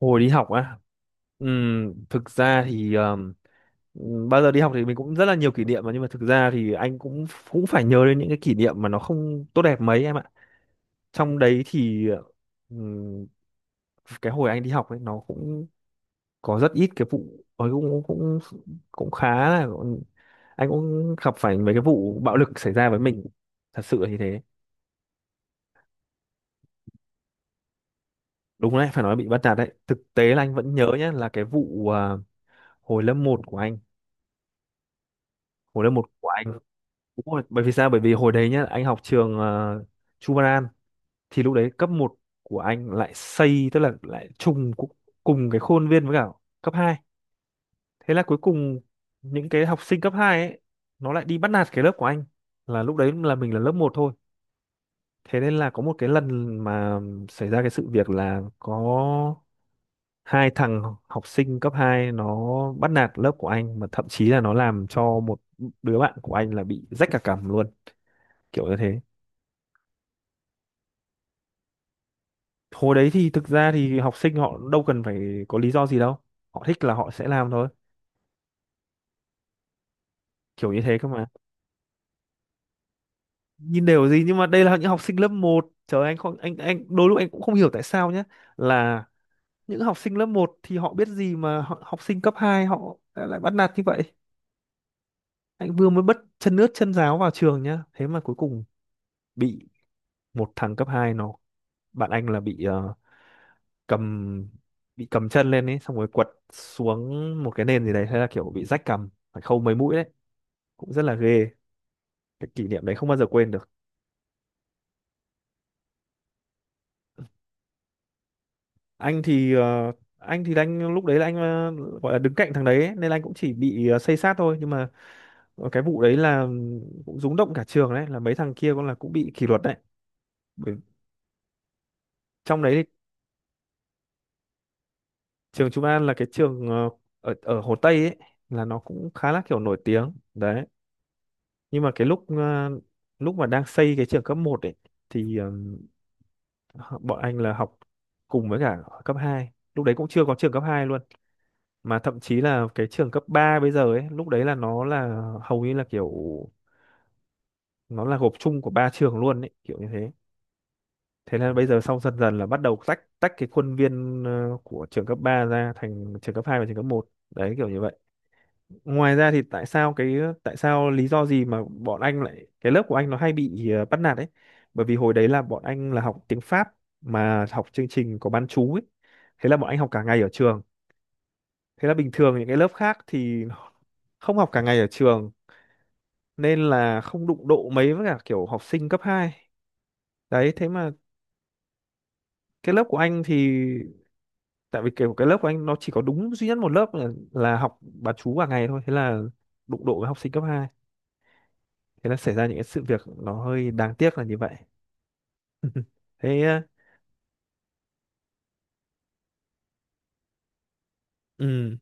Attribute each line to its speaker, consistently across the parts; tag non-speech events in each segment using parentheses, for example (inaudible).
Speaker 1: Hồi đi học á, thực ra thì bao giờ đi học thì mình cũng rất là nhiều kỷ niệm mà, nhưng mà thực ra thì anh cũng cũng phải nhớ đến những cái kỷ niệm mà nó không tốt đẹp mấy em ạ. Trong đấy thì ừm, cái hồi anh đi học ấy nó cũng có rất ít cái vụ ấy cũng cũng cũng khá là anh cũng gặp phải mấy cái vụ bạo lực xảy ra với mình, thật sự là như thế. Đúng đấy, phải nói bị bắt nạt đấy, thực tế là anh vẫn nhớ nhá là cái vụ hồi lớp một của anh, hồi lớp một của anh đúng rồi, bởi vì sao? Bởi vì hồi đấy nhá, anh học trường uh, Chu Văn An thì lúc đấy cấp một của anh lại xây, tức là lại trùng cùng cái khuôn viên với cả cấp 2. Thế là cuối cùng những cái học sinh cấp 2 ấy nó lại đi bắt nạt cái lớp của anh, là lúc đấy là mình là lớp một thôi. Thế nên là có một cái lần mà xảy ra cái sự việc là có hai thằng học sinh cấp 2 nó bắt nạt lớp của anh, mà thậm chí là nó làm cho một đứa bạn của anh là bị rách cả cằm luôn. Kiểu như thế. Hồi đấy thì thực ra thì học sinh họ đâu cần phải có lý do gì đâu, họ thích là họ sẽ làm thôi, kiểu như thế cơ mà. Nhìn đều gì nhưng mà đây là những học sinh lớp một, trời, anh không, anh đôi lúc anh cũng không hiểu tại sao nhé, là những học sinh lớp một thì họ biết gì mà họ, học sinh cấp 2 họ lại bắt nạt như vậy. Anh vừa mới bất chân ướt chân ráo vào trường nhá, thế mà cuối cùng bị một thằng cấp 2 nó, bạn anh là bị cầm, bị cầm chân lên ấy xong rồi quật xuống một cái nền gì đấy, thế là kiểu bị rách cầm phải khâu mấy mũi đấy, cũng rất là ghê, cái kỷ niệm đấy không bao giờ quên được. Anh thì ờ, anh thì anh lúc đấy là anh gọi là đứng cạnh thằng đấy ấy, nên anh cũng chỉ bị xây xát thôi, nhưng mà cái vụ đấy là cũng rúng động cả trường đấy, là mấy thằng kia cũng là cũng bị kỷ luật đấy. Bởi- Trong đấy thì trường Trung An là cái trường ở ở Hồ Tây ấy, là nó cũng khá là kiểu nổi tiếng đấy. Nhưng mà lúc mà đang xây cái trường cấp một ấy thì bọn anh là học cùng với cả cấp hai, lúc đấy cũng chưa có trường cấp 2 luôn, mà thậm chí là cái trường cấp 3 bây giờ ấy lúc đấy là nó là hầu như là kiểu nó là gộp chung của ba trường luôn ấy, kiểu như thế. Thế nên bây giờ sau dần dần là bắt đầu tách tách cái khuôn viên của trường cấp 3 ra thành trường cấp 2 và trường cấp một đấy, kiểu như vậy. Ngoài ra thì tại sao lý do gì mà bọn anh lại cái lớp của anh nó hay bị bắt nạt ấy, bởi vì hồi đấy là bọn anh là học tiếng Pháp mà học chương trình có bán trú ấy, thế là bọn anh học cả ngày ở trường. Thế là bình thường những cái lớp khác thì không học cả ngày ở trường nên là không đụng độ mấy với cả kiểu học sinh cấp hai. Đấy, thế mà cái lớp của anh thì tại vì kiểu cái lớp của anh nó chỉ có đúng duy nhất một lớp là học bán trú cả ngày thôi, thế là đụng độ với học sinh cấp hai. Thế là xảy ra những cái sự việc nó hơi đáng tiếc là như vậy. (laughs) Thế ừ,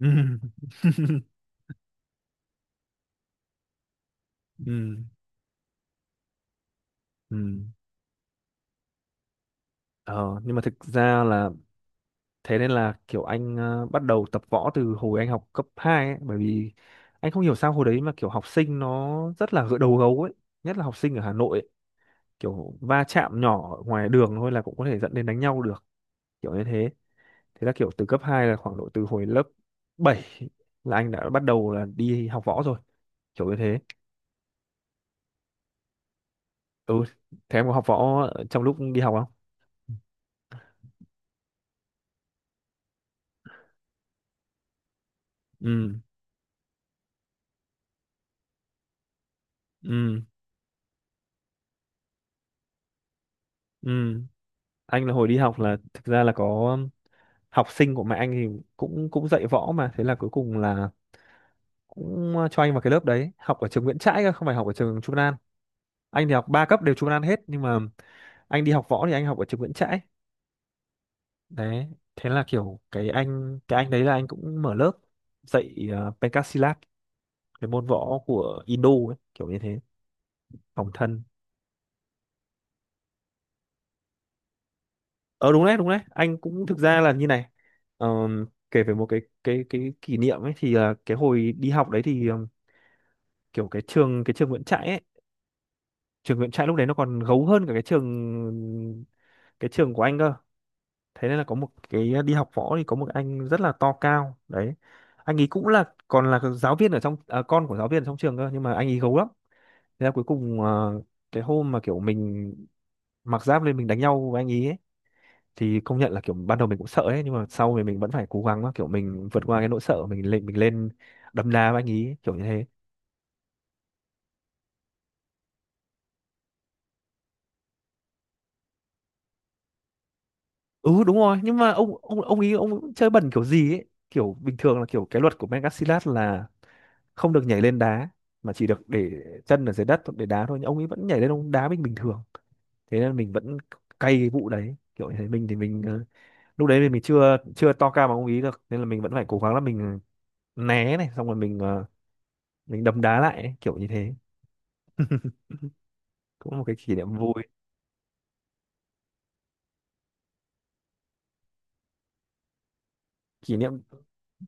Speaker 1: ừ. (laughs) Ừ, ừ. Ờ, nhưng mà thực ra là thế nên là kiểu anh bắt đầu tập võ từ hồi anh học cấp 2 ấy, bởi vì anh không hiểu sao hồi đấy mà kiểu học sinh nó rất là gỡ đầu gấu ấy, nhất là học sinh ở Hà Nội ấy. Kiểu va chạm nhỏ ở ngoài đường thôi là cũng có thể dẫn đến đánh nhau được, kiểu như thế. Thế là kiểu từ cấp 2 là khoảng độ từ hồi lớp 7 là anh đã bắt đầu là đi học võ rồi, kiểu như thế. Ừ, thế em có học võ trong lúc đi học không? Ừ, ừ, ừ. Anh là hồi đi học là thực ra là có học sinh của mẹ anh thì cũng cũng dạy võ mà, thế là cuối cùng là cũng cho anh vào cái lớp đấy học ở trường Nguyễn Trãi cơ, không phải học ở trường Trung An. Anh thì học ba cấp đều Trung An hết, nhưng mà anh đi học võ thì anh học ở trường Nguyễn Trãi đấy. Thế là kiểu cái anh đấy là anh cũng mở lớp dạy Pencak, cái môn võ của Indo ấy, kiểu như thế, phòng thân. Ờ Đúng đấy, đúng đấy, anh cũng thực ra là như này. Ờm, Kể về một cái kỷ niệm ấy thì là cái hồi đi học đấy thì kiểu cái trường Nguyễn Trãi ấy, trường Nguyễn Trãi lúc đấy nó còn gấu hơn cả cái trường của anh cơ. Thế nên là có một cái đi học võ thì có một anh rất là to cao đấy, anh ấy cũng là còn là giáo viên ở trong con của giáo viên ở trong trường cơ, nhưng mà anh ấy gấu lắm. Thế là cuối cùng cái hôm mà kiểu mình mặc giáp lên mình đánh nhau với anh ấy, ấy, thì công nhận là kiểu ban đầu mình cũng sợ ấy, nhưng mà sau thì mình vẫn phải cố gắng kiểu mình vượt qua cái nỗi sợ, mình lên đấm đá với anh ấy, kiểu như thế. Ừ đúng rồi, nhưng mà ông ý ông chơi bẩn kiểu gì ấy, kiểu bình thường là kiểu cái luật của Megacilat là không được nhảy lên đá mà chỉ được để chân ở dưới đất để đá thôi, nhưng ông ấy vẫn nhảy lên ông đá mình bình thường. Thế nên mình vẫn cay cái vụ đấy, kiểu như thế. Mình thì mình lúc đấy thì mình chưa chưa to cao bằng ông ý được, nên là mình vẫn phải cố gắng là mình né này xong rồi mình đấm đá lại ấy, kiểu như thế. Cũng là một cái kỷ niệm vui. kỷ niệm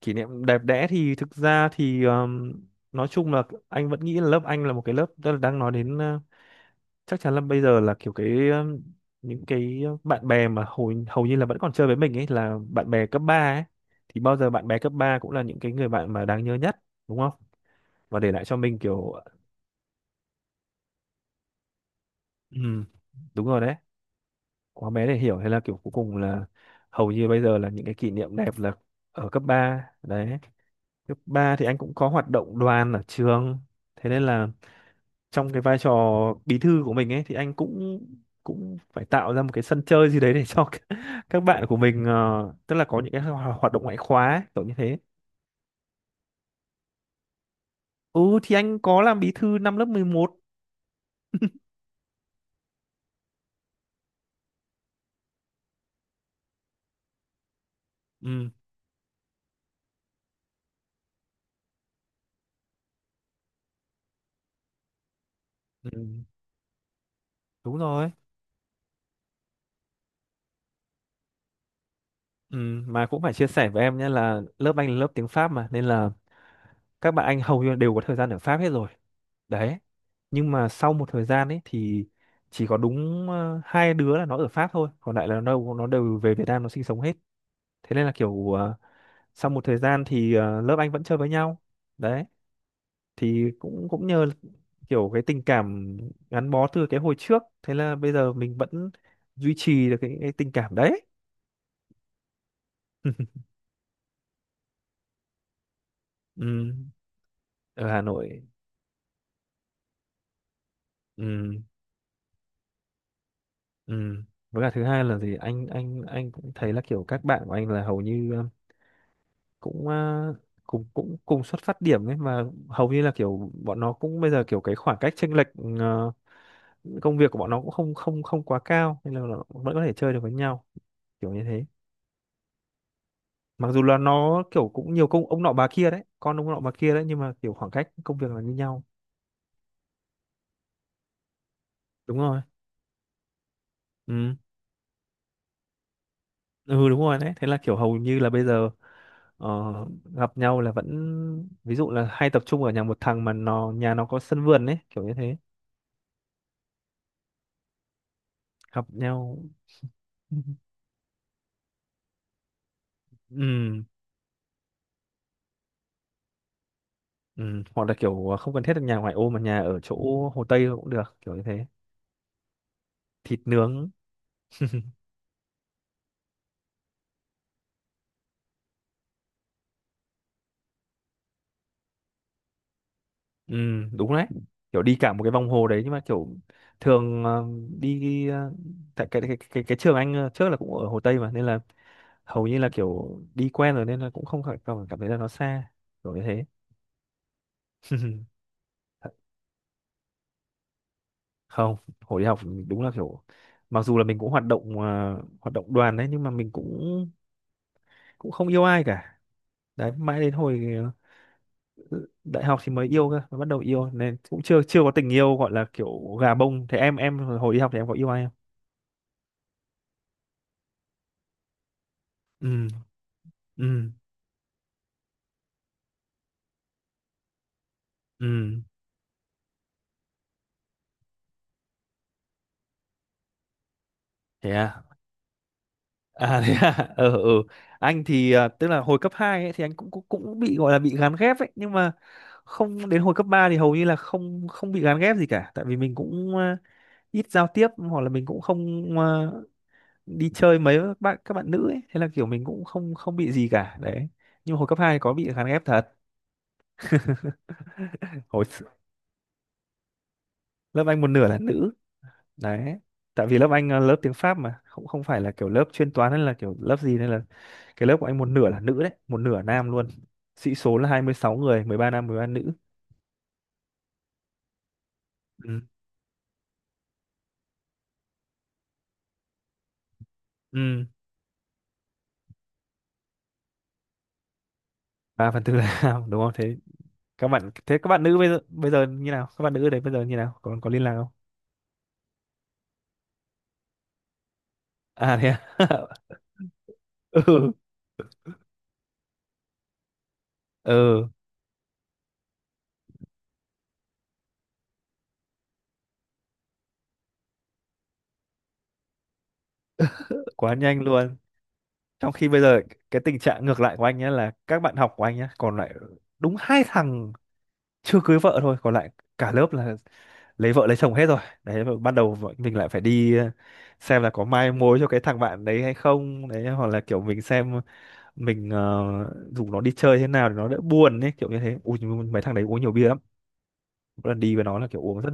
Speaker 1: Kỷ niệm đẹp đẽ thì thực ra thì nói chung là anh vẫn nghĩ là lớp anh là một cái lớp, tức là đang nói đến chắc chắn là bây giờ là kiểu cái những cái bạn bè mà hầu hầu như là vẫn còn chơi với mình ấy là bạn bè cấp 3 ấy, thì bao giờ bạn bè cấp 3 cũng là những cái người bạn mà đáng nhớ nhất, đúng không? Và để lại cho mình kiểu ừm, đúng rồi đấy. Quá bé để hiểu hay là kiểu cuối cùng là hầu như bây giờ là những cái kỷ niệm đẹp là ở cấp 3 đấy. Cấp 3 thì anh cũng có hoạt động đoàn ở trường. Thế nên là trong cái vai trò bí thư của mình ấy thì anh cũng cũng phải tạo ra một cái sân chơi gì đấy để cho (laughs) các bạn của mình tức là có những cái hoạt động ngoại khóa ấy, kiểu như thế. Ừ thì anh có làm bí thư năm lớp 11. Ừ, ừ đúng rồi. Ừ, mà cũng phải chia sẻ với em nhé là lớp anh là lớp tiếng Pháp mà nên là các bạn anh hầu như đều có thời gian ở Pháp hết rồi. Đấy, nhưng mà sau một thời gian ấy thì chỉ có đúng hai đứa là nó ở Pháp thôi, còn lại là nó đều về Việt Nam nó sinh sống hết. Thế nên là kiểu sau một thời gian thì lớp anh vẫn chơi với nhau đấy, thì cũng cũng nhờ kiểu cái tình cảm gắn bó từ cái hồi trước, thế là bây giờ mình vẫn duy trì được cái tình cảm đấy. (laughs) Ừ, ở Hà Nội. Ừ, ừ. Với cả thứ hai là gì anh cũng thấy là kiểu các bạn của anh là hầu như cũng à, cùng xuất phát điểm ấy mà, hầu như là kiểu bọn nó cũng bây giờ kiểu cái khoảng cách chênh lệch ờ, công việc của bọn nó cũng không không không quá cao nên là nó vẫn có thể chơi được với nhau, kiểu như thế. Mặc dù là nó kiểu cũng nhiều công ông nọ bà kia đấy, con ông nọ bà kia đấy, nhưng mà kiểu khoảng cách công việc là như nhau. Đúng rồi. Ừ, ừ đúng rồi đấy, thế là kiểu hầu như là bây giờ ờ, gặp nhau là vẫn ví dụ là hay tập trung ở nhà một thằng mà nó nhà nó có sân vườn ấy, kiểu như thế. Gặp nhau. (laughs) Ừ. Ừ, hoặc là kiểu không cần thiết là nhà ngoại ô mà nhà ở chỗ Hồ Tây cũng được, kiểu như thế. Thịt nướng. Ừ, đúng đấy, kiểu đi cả một cái vòng hồ đấy nhưng mà kiểu thường đi ờ, tại cái trường anh trước là cũng ở Hồ Tây mà nên là hầu như là kiểu đi quen rồi nên là cũng không cảm cảm cảm thấy là nó xa, kiểu như thế. (laughs) Không, hồi đi học, đúng là kiểu mặc dù là mình cũng hoạt động hoạt động đoàn đấy nhưng mà mình cũng cũng không yêu ai cả đấy, mãi đến hồi đại học thì mới yêu cơ, mới bắt đầu yêu nên cũng chưa chưa có tình yêu gọi là kiểu gà bông thế. Em hồi đi học thì em có yêu ai không? Ừ. Ừ. Ừ, thế à? À thế à? (laughs) Ờ ừ, ừ. Anh thì tức là hồi cấp 2 ấy, thì anh cũng cũng cũng bị gọi là bị gán ghép ấy, nhưng mà không, đến hồi cấp 3 thì hầu như là không không bị gán ghép gì cả, tại vì mình cũng ít giao tiếp hoặc là mình cũng không đi chơi mấy với các bạn nữ ấy, thế là kiểu mình cũng không không bị gì cả đấy, nhưng mà hồi cấp 2 có bị gán ghép thật. Hồi lớp Anh một nửa là nữ đấy, tại vì lớp Anh là lớp tiếng Pháp mà, không không phải là kiểu lớp chuyên toán hay là kiểu lớp gì nên là cái lớp của anh một nửa là nữ đấy, một nửa nam luôn. Sĩ số là 26 người, 13 nam 13 nữ. Ừ. Ừ. 3 phần tư là (laughs) nam đúng không? Thế các bạn, thế các bạn nữ bây giờ, bây giờ như nào, các bạn nữ ở đấy bây giờ như nào, còn có liên lạc không? À thế à? (laughs) Ừ. Ừ, quá nhanh luôn. Trong khi bây giờ cái tình trạng ngược lại của anh nhé, là các bạn học của anh nhé, còn lại đúng hai thằng chưa cưới vợ thôi, còn lại cả lớp là lấy vợ lấy chồng hết rồi đấy, và bắt đầu mình lại phải đi xem là có mai mối cho cái thằng bạn đấy hay không đấy, hoặc là kiểu mình xem mình rủ nó đi chơi thế nào để nó đỡ buồn ấy, kiểu như thế. Ui nhưng mà mấy thằng đấy uống nhiều bia lắm, một lần đi với nó là kiểu uống rất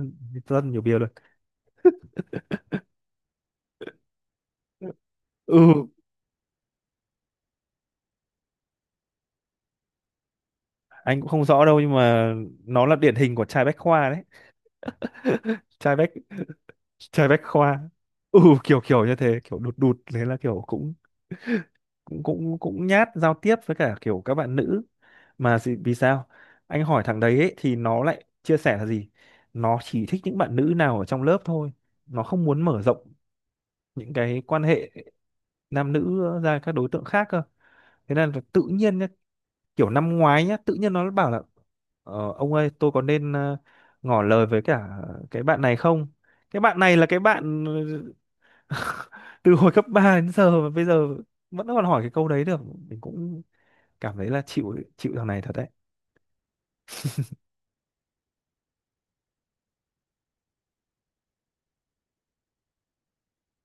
Speaker 1: rất nhiều bia luôn. Ừ, anh cũng không rõ đâu nhưng mà nó là điển hình của trai bách khoa đấy. trai bách Trai bách khoa. Ừ kiểu, kiểu như thế, kiểu đụt đụt, thế là kiểu cũng cũng nhát giao tiếp với cả kiểu các bạn nữ. Mà vì sao anh hỏi thằng đấy ấy, thì nó lại chia sẻ là gì, nó chỉ thích những bạn nữ nào ở trong lớp thôi, nó không muốn mở rộng những cái quan hệ nam nữ ra các đối tượng khác cơ. Thế nên là tự nhiên nhá, kiểu năm ngoái nhá, tự nhiên nó bảo là ông ơi tôi có nên ngỏ lời với cả cái bạn này không. Cái bạn này là cái bạn (laughs) từ hồi cấp 3 đến giờ mà bây giờ vẫn còn hỏi cái câu đấy được, mình cũng cảm thấy là chịu chịu thằng này thật đấy.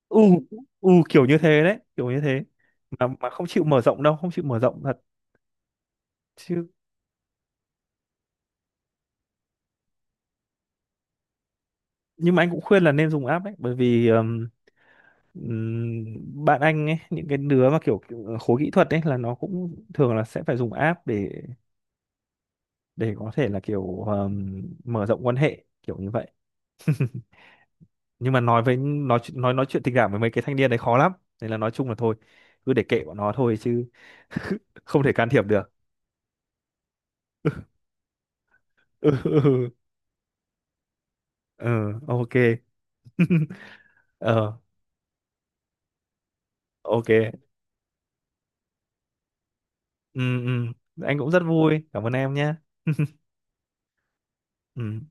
Speaker 1: U, u kiểu như thế đấy, kiểu như thế. Mà không chịu mở rộng đâu, không chịu mở rộng thật chứ. Nhưng mà anh cũng khuyên là nên dùng app ấy, bởi vì bạn anh ấy, những cái đứa mà kiểu, kiểu khối kỹ thuật ấy là nó cũng thường là sẽ phải dùng app để có thể là kiểu mở rộng quan hệ kiểu như vậy. Nhưng mà nói chuyện tình cảm với mấy cái thanh niên đấy khó lắm, nên là nói chung là thôi, cứ để kệ bọn nó thôi chứ, (laughs) không thể can thiệp được. (laughs) Ừ, ừ, ok. (laughs) Ờ ok, ừ, ừ. Anh cũng rất vui, cảm ơn em nhé. Ừ.